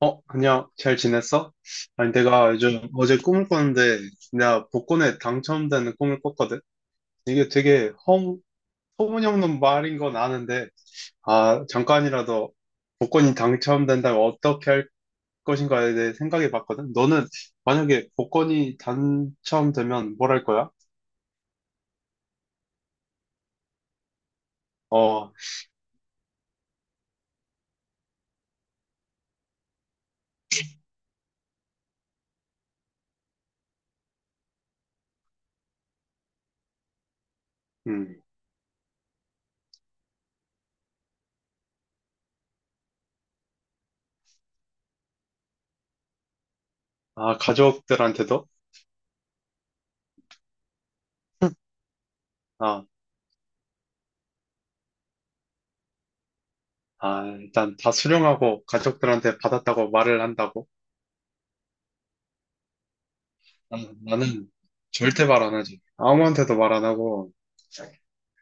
어, 안녕. 잘 지냈어? 아니, 내가 요즘 어제 꿈을 꿨는데, 내가 복권에 당첨되는 꿈을 꿨거든? 이게 되게 터무니없는 말인 건 아는데, 아, 잠깐이라도 복권이 당첨된다면 어떻게 할 것인가에 대해 생각해 봤거든? 너는 만약에 복권이 당첨되면 뭘 할 거야? 어. 음. 아, 가족들한테도? 아, 아, 일단 다 수령하고 가족들한테 받았다고 말을 한다고? 나는 절대 말 안 하지. 아무한테도 말 안 하고,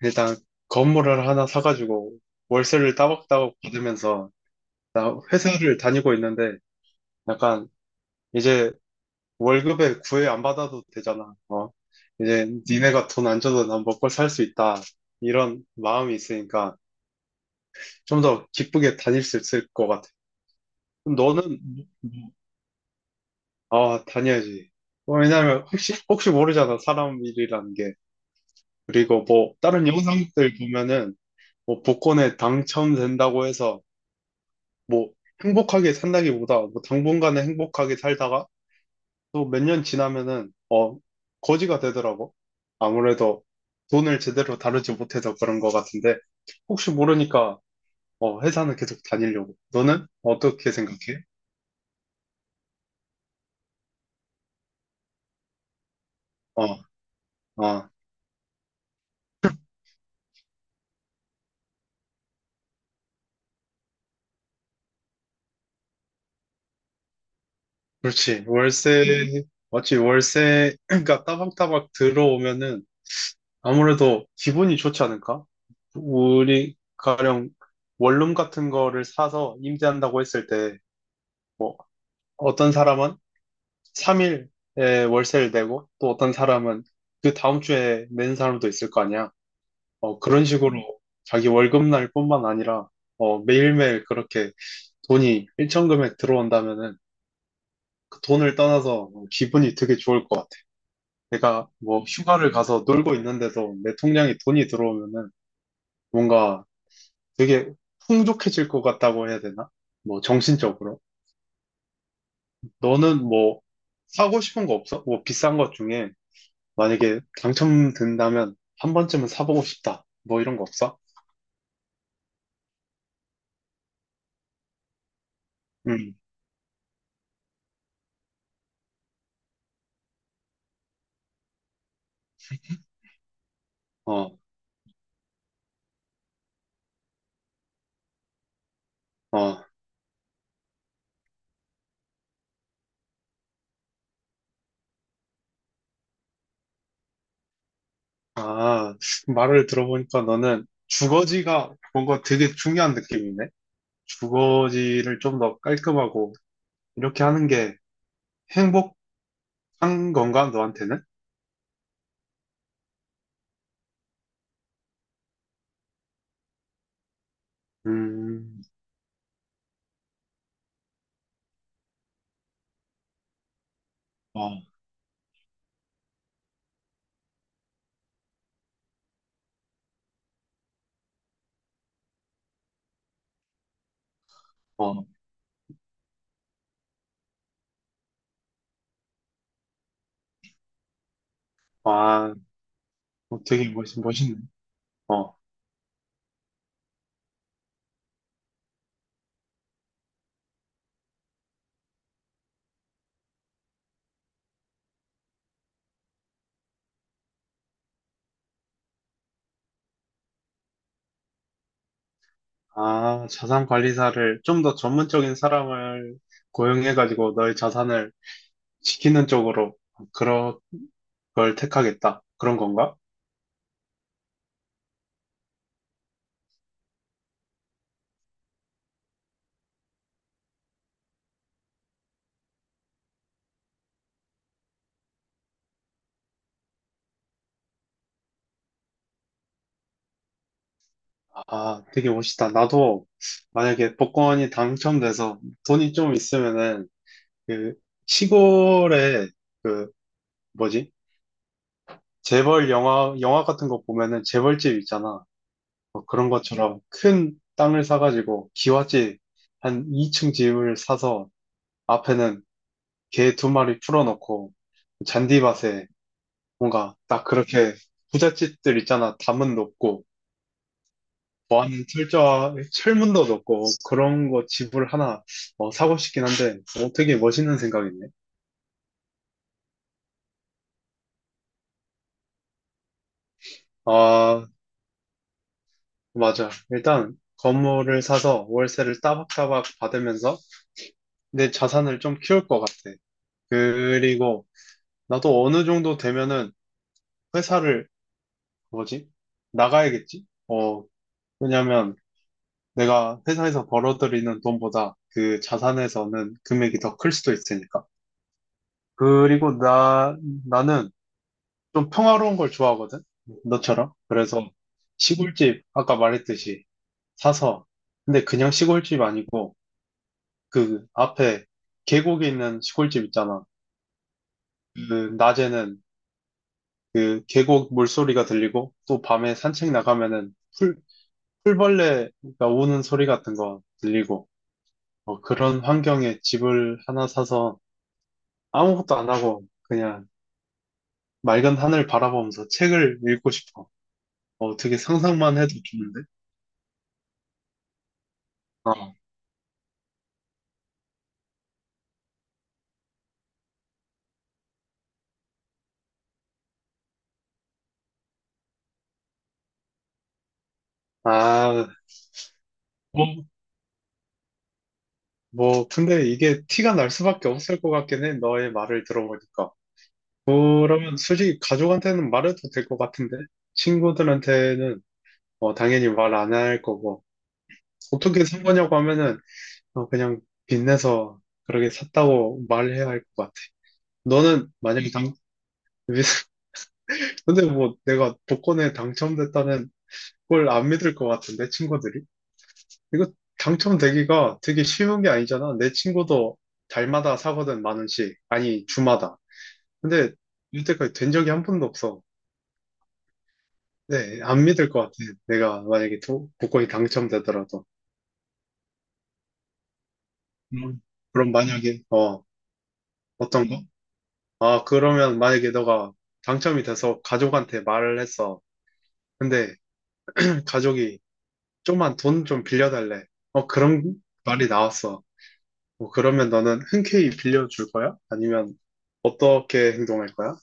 일단 건물을 하나 사가지고 월세를 따박따박 받으면서, 나 회사를 다니고 있는데, 약간 이제 월급에 구애 안 받아도 되잖아. 어? 이제 니네가 돈 안 줘도 난 먹고 살 수 있다. 이런 마음이 있으니까 좀 더 기쁘게 다닐 수 있을 것 같아. 그럼 너는, 아, 다녀야지. 뭐, 왜냐면 혹시 모르잖아. 사람 일이라는 게. 그리고 뭐, 다른 영상들 보면은, 뭐 복권에 당첨된다고 해서 뭐 행복하게 산다기보다 뭐 당분간은 행복하게 살다가 또 몇 년 지나면은 어 거지가 되더라고. 아무래도 돈을 제대로 다루지 못해서 그런 것 같은데 혹시 모르니까 어 회사는 계속 다니려고. 너는 어떻게 생각해? 어. 어. 그렇지. 월세 맞지? 월세가 따박따박 들어오면은 아무래도 기분이 좋지 않을까? 우리 가령 원룸 같은 거를 사서 임대한다고 했을 때, 뭐, 어떤 사람은 3일에 월세를 내고, 또 어떤 사람은 그 다음 주에 낸 사람도 있을 거 아니야. 어, 그런 식으로 자기 월급날 뿐만 아니라, 어, 매일매일 그렇게 돈이 일정 금액 들어온다면은, 그 돈을 떠나서 기분이 되게 좋을 것 같아. 내가 뭐 휴가를 가서 놀고 있는데도 내 통장에 돈이 들어오면은 뭔가 되게 풍족해질 것 같다고 해야 되나? 뭐 정신적으로. 너는 뭐 사고 싶은 거 없어? 뭐 비싼 것 중에 만약에 당첨된다면 한 번쯤은 사보고 싶다. 뭐 이런 거 없어? 응. 어. 어. 아, 말을 들어보니까 너는 주거지가 뭔가 되게 중요한 느낌이네. 주거지를 좀 더 깔끔하고 이렇게 하는 게 행복한 건가, 너한테는? 음. 어. 어. 아, 되게 멋있네. 어. 아, 자산 관리사를 좀 더 전문적인 사람을 고용해가지고 너의 자산을 지키는 쪽으로 그런 걸 택하겠다. 그런 건가? 아, 되게 멋있다. 나도 만약에 복권이 당첨돼서 돈이 좀 있으면은 그 시골에 그 뭐지? 재벌 영화 같은 거 보면은 재벌집 있잖아. 뭐 그런 것처럼 큰 땅을 사가지고 기와집 한 2층 집을 사서 앞에는 개 두 마리 풀어놓고 잔디 맛에 뭔가 딱 그렇게 부잣집들 있잖아. 담은 높고 보안 철저 철문도 높고 그런 거 집을 하나 어, 사고 싶긴 한데 어, 되게 멋있는 생각이네. 아 맞아. 일단 건물을 사서 월세를 따박따박 받으면서 내 자산을 좀 키울 것 같아. 그리고 나도 어느 정도 되면은 회사를 뭐지? 나가야겠지? 어 왜냐면 내가 회사에서 벌어들이는 돈보다 그 자산에서는 금액이 더 클 수도 있으니까. 그리고 나는 좀 평화로운 걸 좋아하거든? 너처럼. 그래서 시골집, 아까 말했듯이 사서, 근데 그냥 시골집 아니고 그 앞에 계곡에 있는 시골집 있잖아. 그 낮에는 그 계곡 물소리가 들리고 또 밤에 산책 나가면은 풀, 풀벌레가 우는 소리 같은 거 들리고 어, 그런 환경에 집을 하나 사서 아무것도 안 하고 그냥 맑은 하늘 바라보면서 책을 읽고 싶어. 어, 되게 상상만 해도 좋은데? 어. 아, 뭐, 뭐, 근데 이게 티가 날 수밖에 없을 것 같긴 해. 너의 말을 들어보니까. 그러면 솔직히 가족한테는 말해도 될 것 같은데? 친구들한테는 어, 당연히 말 안 할 거고. 어떻게 산 거냐고 하면은 어, 그냥 빚내서 그렇게 샀다고 말해야 할 것 같아. 너는 만약에 근데 뭐 내가 복권에 당첨됐다는 그걸 안 믿을 것 같은데, 친구들이? 이거 당첨되기가 되게 쉬운 게 아니잖아. 내 친구도 달마다 사거든, 10,000원씩. 아니, 주마다. 근데 이때까지 된 적이 한 번도 없어. 네, 안 믿을 것 같아. 내가 만약에 복권이 당첨되더라도. 음, 그럼 만약에, 어, 어떤 거? 아, 그러면 만약에 너가 당첨이 돼서 가족한테 말을 했어. 근데 가족이 좀만 돈 좀 빌려달래. 어, 그런 말이 나왔어. 뭐 그러면 너는 흔쾌히 빌려줄 거야? 아니면 어떻게 행동할 거야?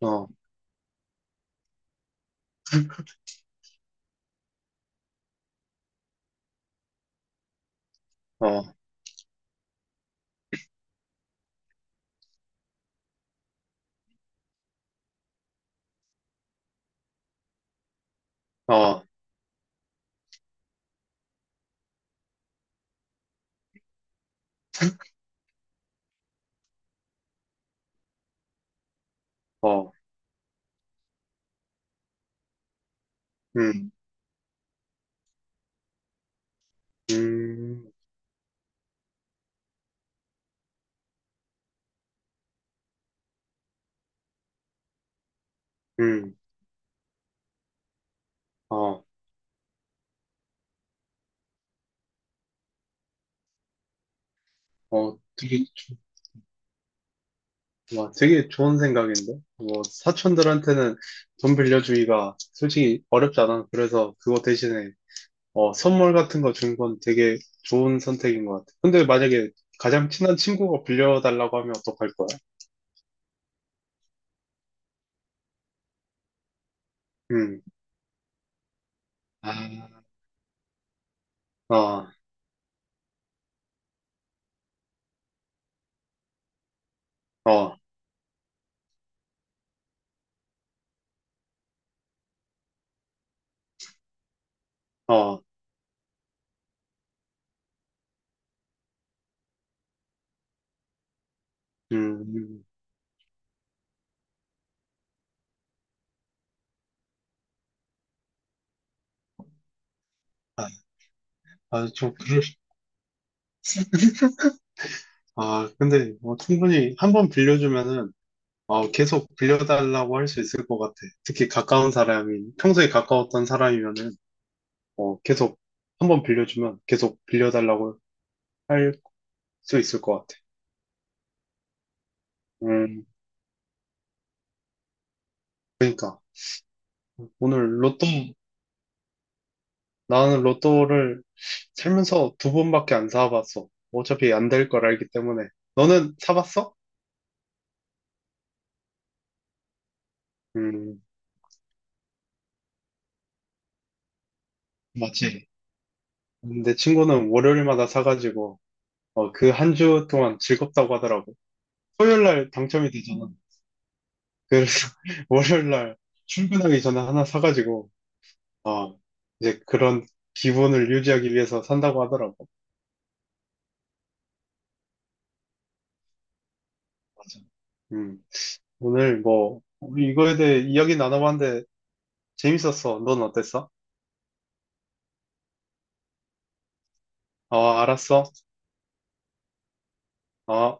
어. 어. 어. 어. 어. 음. 음. 음. 어. 어. 되게, 좋- 와, 되게 좋은 생각인데? 뭐, 사촌들한테는 돈 빌려주기가 솔직히 어렵지 않아. 그래서 그거 대신에, 어, 선물 같은 거 준 건 되게 좋은 선택인 것 같아. 근데 만약에 가장 친한 친구가 빌려달라고 하면 어떡할 거야? 음. 아. 어. 어. 어. 음. 아. 아. 저 아, 근데 뭐 충분히 한 번 빌려주면은 어, 계속 빌려달라고 할 수 있을 것 같아. 특히 가까운 사람이, 평소에 가까웠던 사람이면은 어, 계속 한 번 빌려주면 계속 빌려달라고 할 수 있을 것 같아. 음, 그러니까 오늘 로또, 나는 로또를 살면서 두 번밖에 안 사봤어. 어차피 안 될 걸 알기 때문에. 너는 사봤어? 음, 맞지. 내 친구는 월요일마다 사가지고 어, 그 한 주 동안 즐겁다고 하더라고. 토요일날 당첨이 되잖아. 그래서 월요일날 출근하기 전에 하나 사가지고, 아, 이제 그런 기분을 유지하기 위해서 산다고 하더라고. 맞아. 음, 오늘 뭐, 우리 이거에 대해 이야기 나눠봤는데 재밌었어. 넌 어땠어? 아, 알았어. 아.